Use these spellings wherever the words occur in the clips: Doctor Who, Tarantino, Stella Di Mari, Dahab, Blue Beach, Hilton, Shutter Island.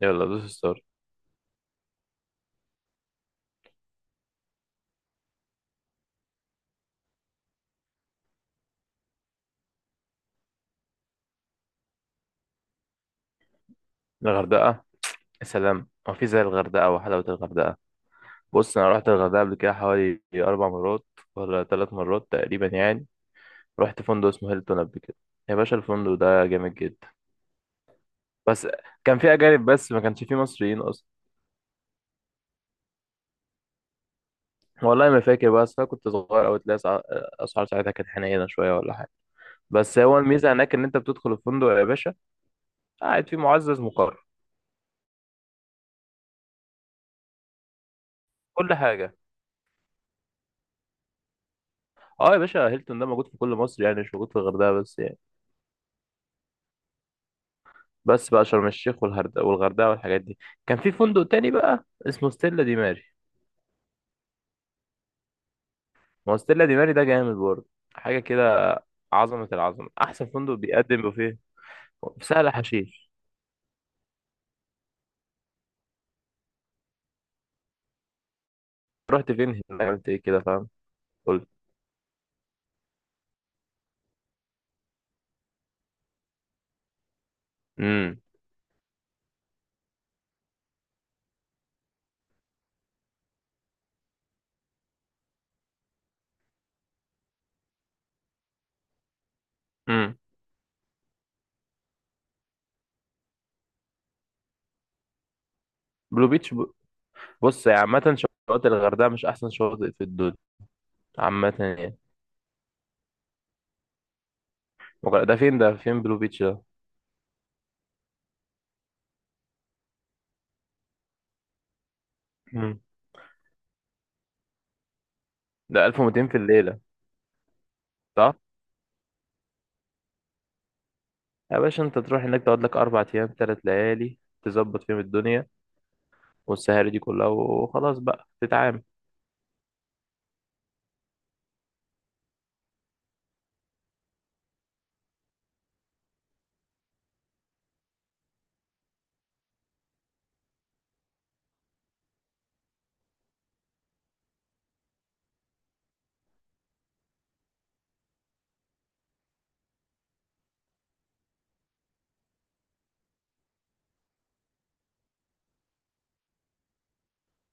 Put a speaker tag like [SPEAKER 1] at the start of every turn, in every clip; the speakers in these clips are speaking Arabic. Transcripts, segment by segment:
[SPEAKER 1] يلا دوس ستار. الغردقة، يا سلام، هو في زي الغردقة وحلاوة الغردقة؟ بص، أنا رحت الغردقة قبل كده حوالي أربع مرات، ولا ثلاث مرات تقريبا يعني. رحت فندق اسمه هيلتون قبل كده. يا باشا، الفندق ده جامد جدا. بس كان في أجانب بس، ما كانش فيه مصريين أصلا. والله ما فاكر بقى، أصل أنا كنت صغير أوي. تلاقي أسعار ساعتها كانت حنينة شوية ولا حاجة. بس هو الميزة هناك إن أنت بتدخل الفندق يا باشا، قاعد فيه معزز مقرر. كل حاجة. أه يا باشا، هيلتون ده موجود في كل مصر يعني، مش موجود في الغردقة بس يعني. بس بقى شرم الشيخ والغردقه والحاجات دي، كان في فندق تاني بقى اسمه ستيلا دي ماري. ما هو ستيلا دي ماري ده جامد برضه، حاجه كده. عظمه. العظمه، احسن فندق بيقدم بوفيه. في سهل حشيش. رحت فين هناك؟ عملت ايه كده؟ فاهم. قلت. امم. امم. بلو بيتش ب... بص يا عامه، شواطئ الغردقه مش احسن شواطئ في الدنيا عامه يعني. ده فين، بلو بيتش ده؟ امم. ده 1200 في الليله؟ صح. يا باشا انت تروح هناك تقعد لك اربع ايام ثلاث ليالي تظبط فيهم الدنيا والسهاري دي كلها وخلاص بقى تتعامل.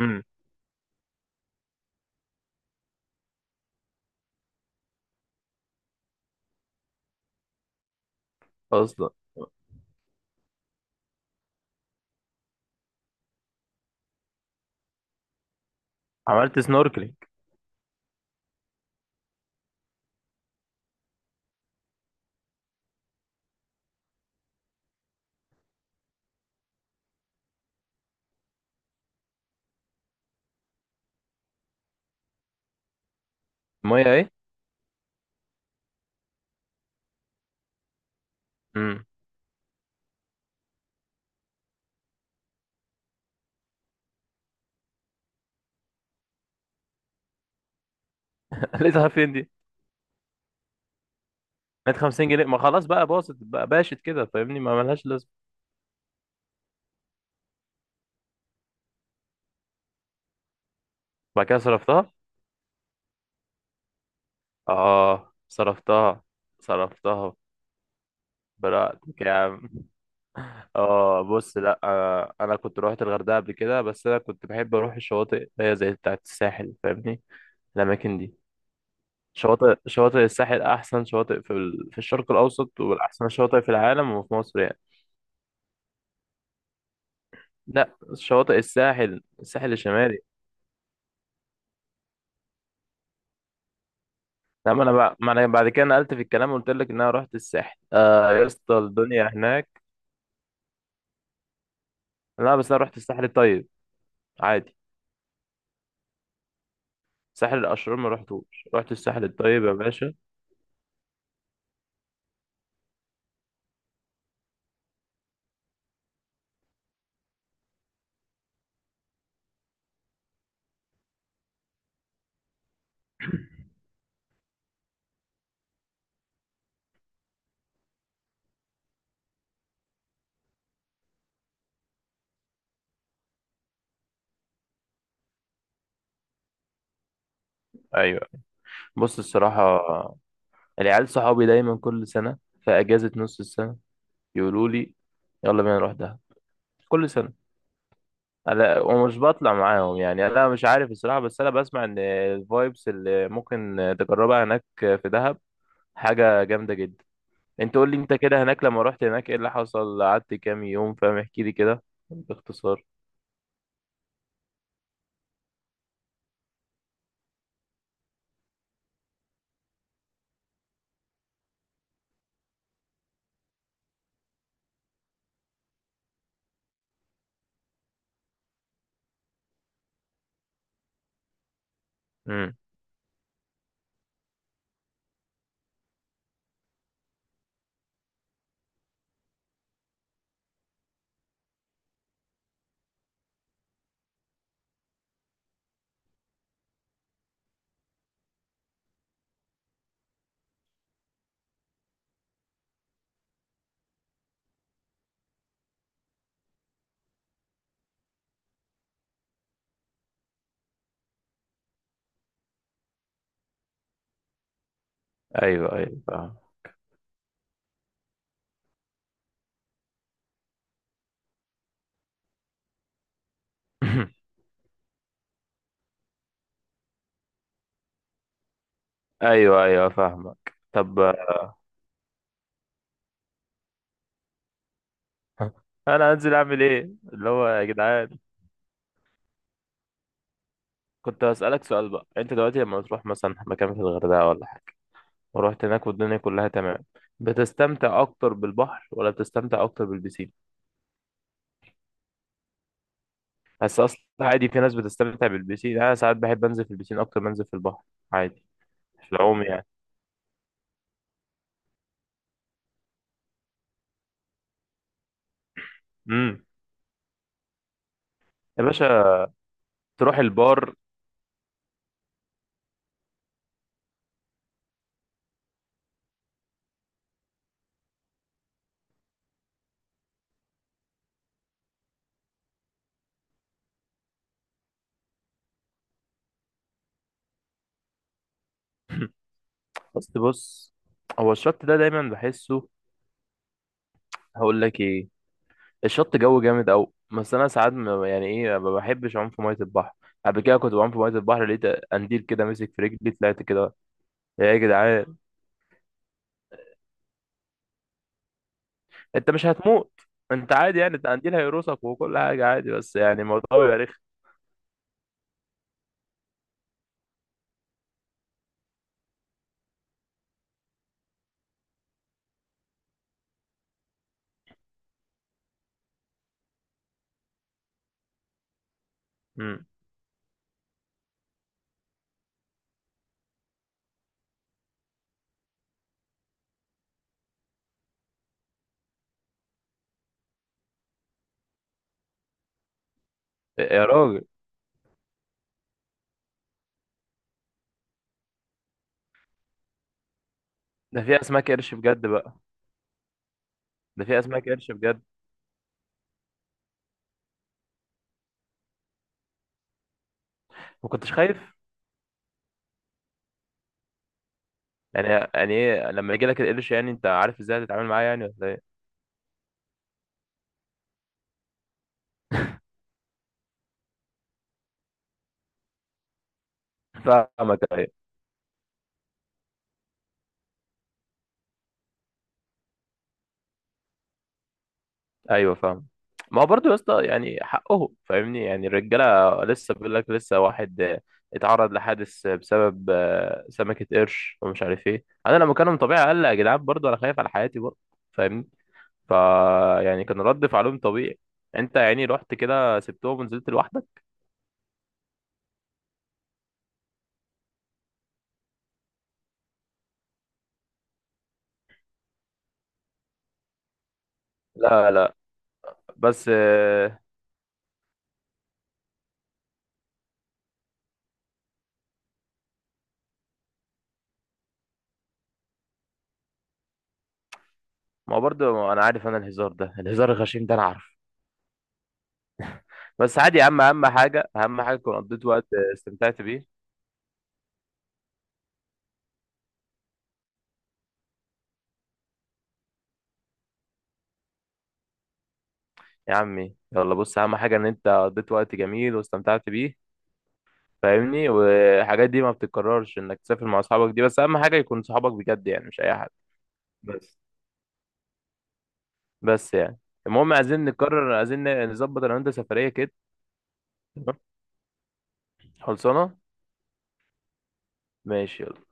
[SPEAKER 1] امم. اصلا. عملت سنوركلينج؟ الميه ايه؟ امم. لقيتها فين دي؟ لقيت 50 جنيه؟ ما خلاص بقى، باظت بقى، باشت كده فاهمني، ما ملهاش لازمه. بعد كده صرفتها. اه، صرفتها، صرفتها. براءتك يا عم. اه بص، لا آه، انا كنت روحت الغردقه قبل كده، بس انا كنت بحب اروح الشواطئ اللي هي زي بتاعه الساحل فاهمني، الاماكن دي. شواطئ الساحل احسن شواطئ في في الشرق الاوسط، والاحسن شواطئ في العالم وفي مصر يعني. لا، شواطئ الساحل الشمالي. لا، ما انا بعد كده نقلت في الكلام، وقلت لك ان انا رحت الساحل. آه يا اسطى الدنيا هناك. لا بس انا رحت الساحل الطيب عادي. ساحل الاشرار ما رحتوش، رحت الساحل الطيب يا باشا. ايوه بص الصراحه، العيال صحابي دايما كل سنه في اجازه نص السنه يقولوا لي يلا بينا نروح دهب، كل سنه. لا، ومش بطلع معاهم يعني، انا مش عارف الصراحه. بس انا بسمع ان الفايبس اللي ممكن تجربها هناك في دهب حاجه جامده جدا. انت قول لي انت كده، هناك لما رحت هناك ايه اللي حصل؟ قعدت كام يوم؟ فاهم احكي لي كده باختصار. امم. ايوه ايوه فاهم. ايوه ايوه فاهمك. طب، انا هنزل اعمل ايه اللي هو؟ يا جدعان، كنت هسألك سؤال بقى، انت دلوقتي لما تروح مثلا مكان في الغردقه، ولا ورحت هناك والدنيا كلها تمام، بتستمتع اكتر بالبحر ولا بتستمتع اكتر بالبسين؟ بس اصلا عادي، في ناس بتستمتع بالبسين. انا ساعات بحب انزل في البسين اكتر ما انزل في البحر عادي، في العوم يعني. امم. يا باشا تروح البار. بس بص، هو الشط ده دايما بحسه. هقول لك ايه؟ الشط جو جامد قوي. بس انا ساعات يعني ايه، ما بحبش اعوم في ميه البحر. قبل كده كنت بعوم في ميه البحر، لقيت قنديل كده مسك في رجلي طلعت كده. يا جدعان، انت مش هتموت. انت عادي يعني، القنديل هيقرصك وكل حاجه عادي، بس يعني الموضوع بيبقى رخم. امم. يا راجل، ده في اسماك قرش بجد بقى؟ ده في اسماك قرش بجد؟ ما كنتش خايف يعني؟ يعني ايه لما يجي لك القرش، يعني انت عارف ازاي هتتعامل معاه يعني ولا ايه؟ فاهمك. ايوه ايوه فاهم. ما هو برضه يا اسطى يعني حقه، فاهمني، يعني الرجاله لسه، بيقول لك لسه واحد اتعرض لحادث بسبب سمكه قرش ومش عارف ايه، انا لما كان طبيعي اقل يا جدعان برضه انا خايف على حياتي برضه، فاهمني. يعني كان رد فعلهم طبيعي. انت يعني رحت كده سبتهم ونزلت لوحدك؟ لا لا. بس آه، ما هو برضه انا عارف، انا الهزار الغشيم ده انا عارف. بس عادي يا عم، اهم حاجه، اهم حاجه كنت قضيت وقت، استمتعت بيه. يا عمي يلا بص، اهم حاجه ان انت قضيت وقت جميل واستمتعت بيه فاهمني. والحاجات دي ما بتتكررش انك تسافر مع اصحابك دي، بس اهم حاجه يكون صحابك بجد يعني مش اي حد. بس بس يعني، المهم عايزين نكرر، عايزين نظبط انا وانت سفريه كده. تمام؟ خلصانه ماشي يلا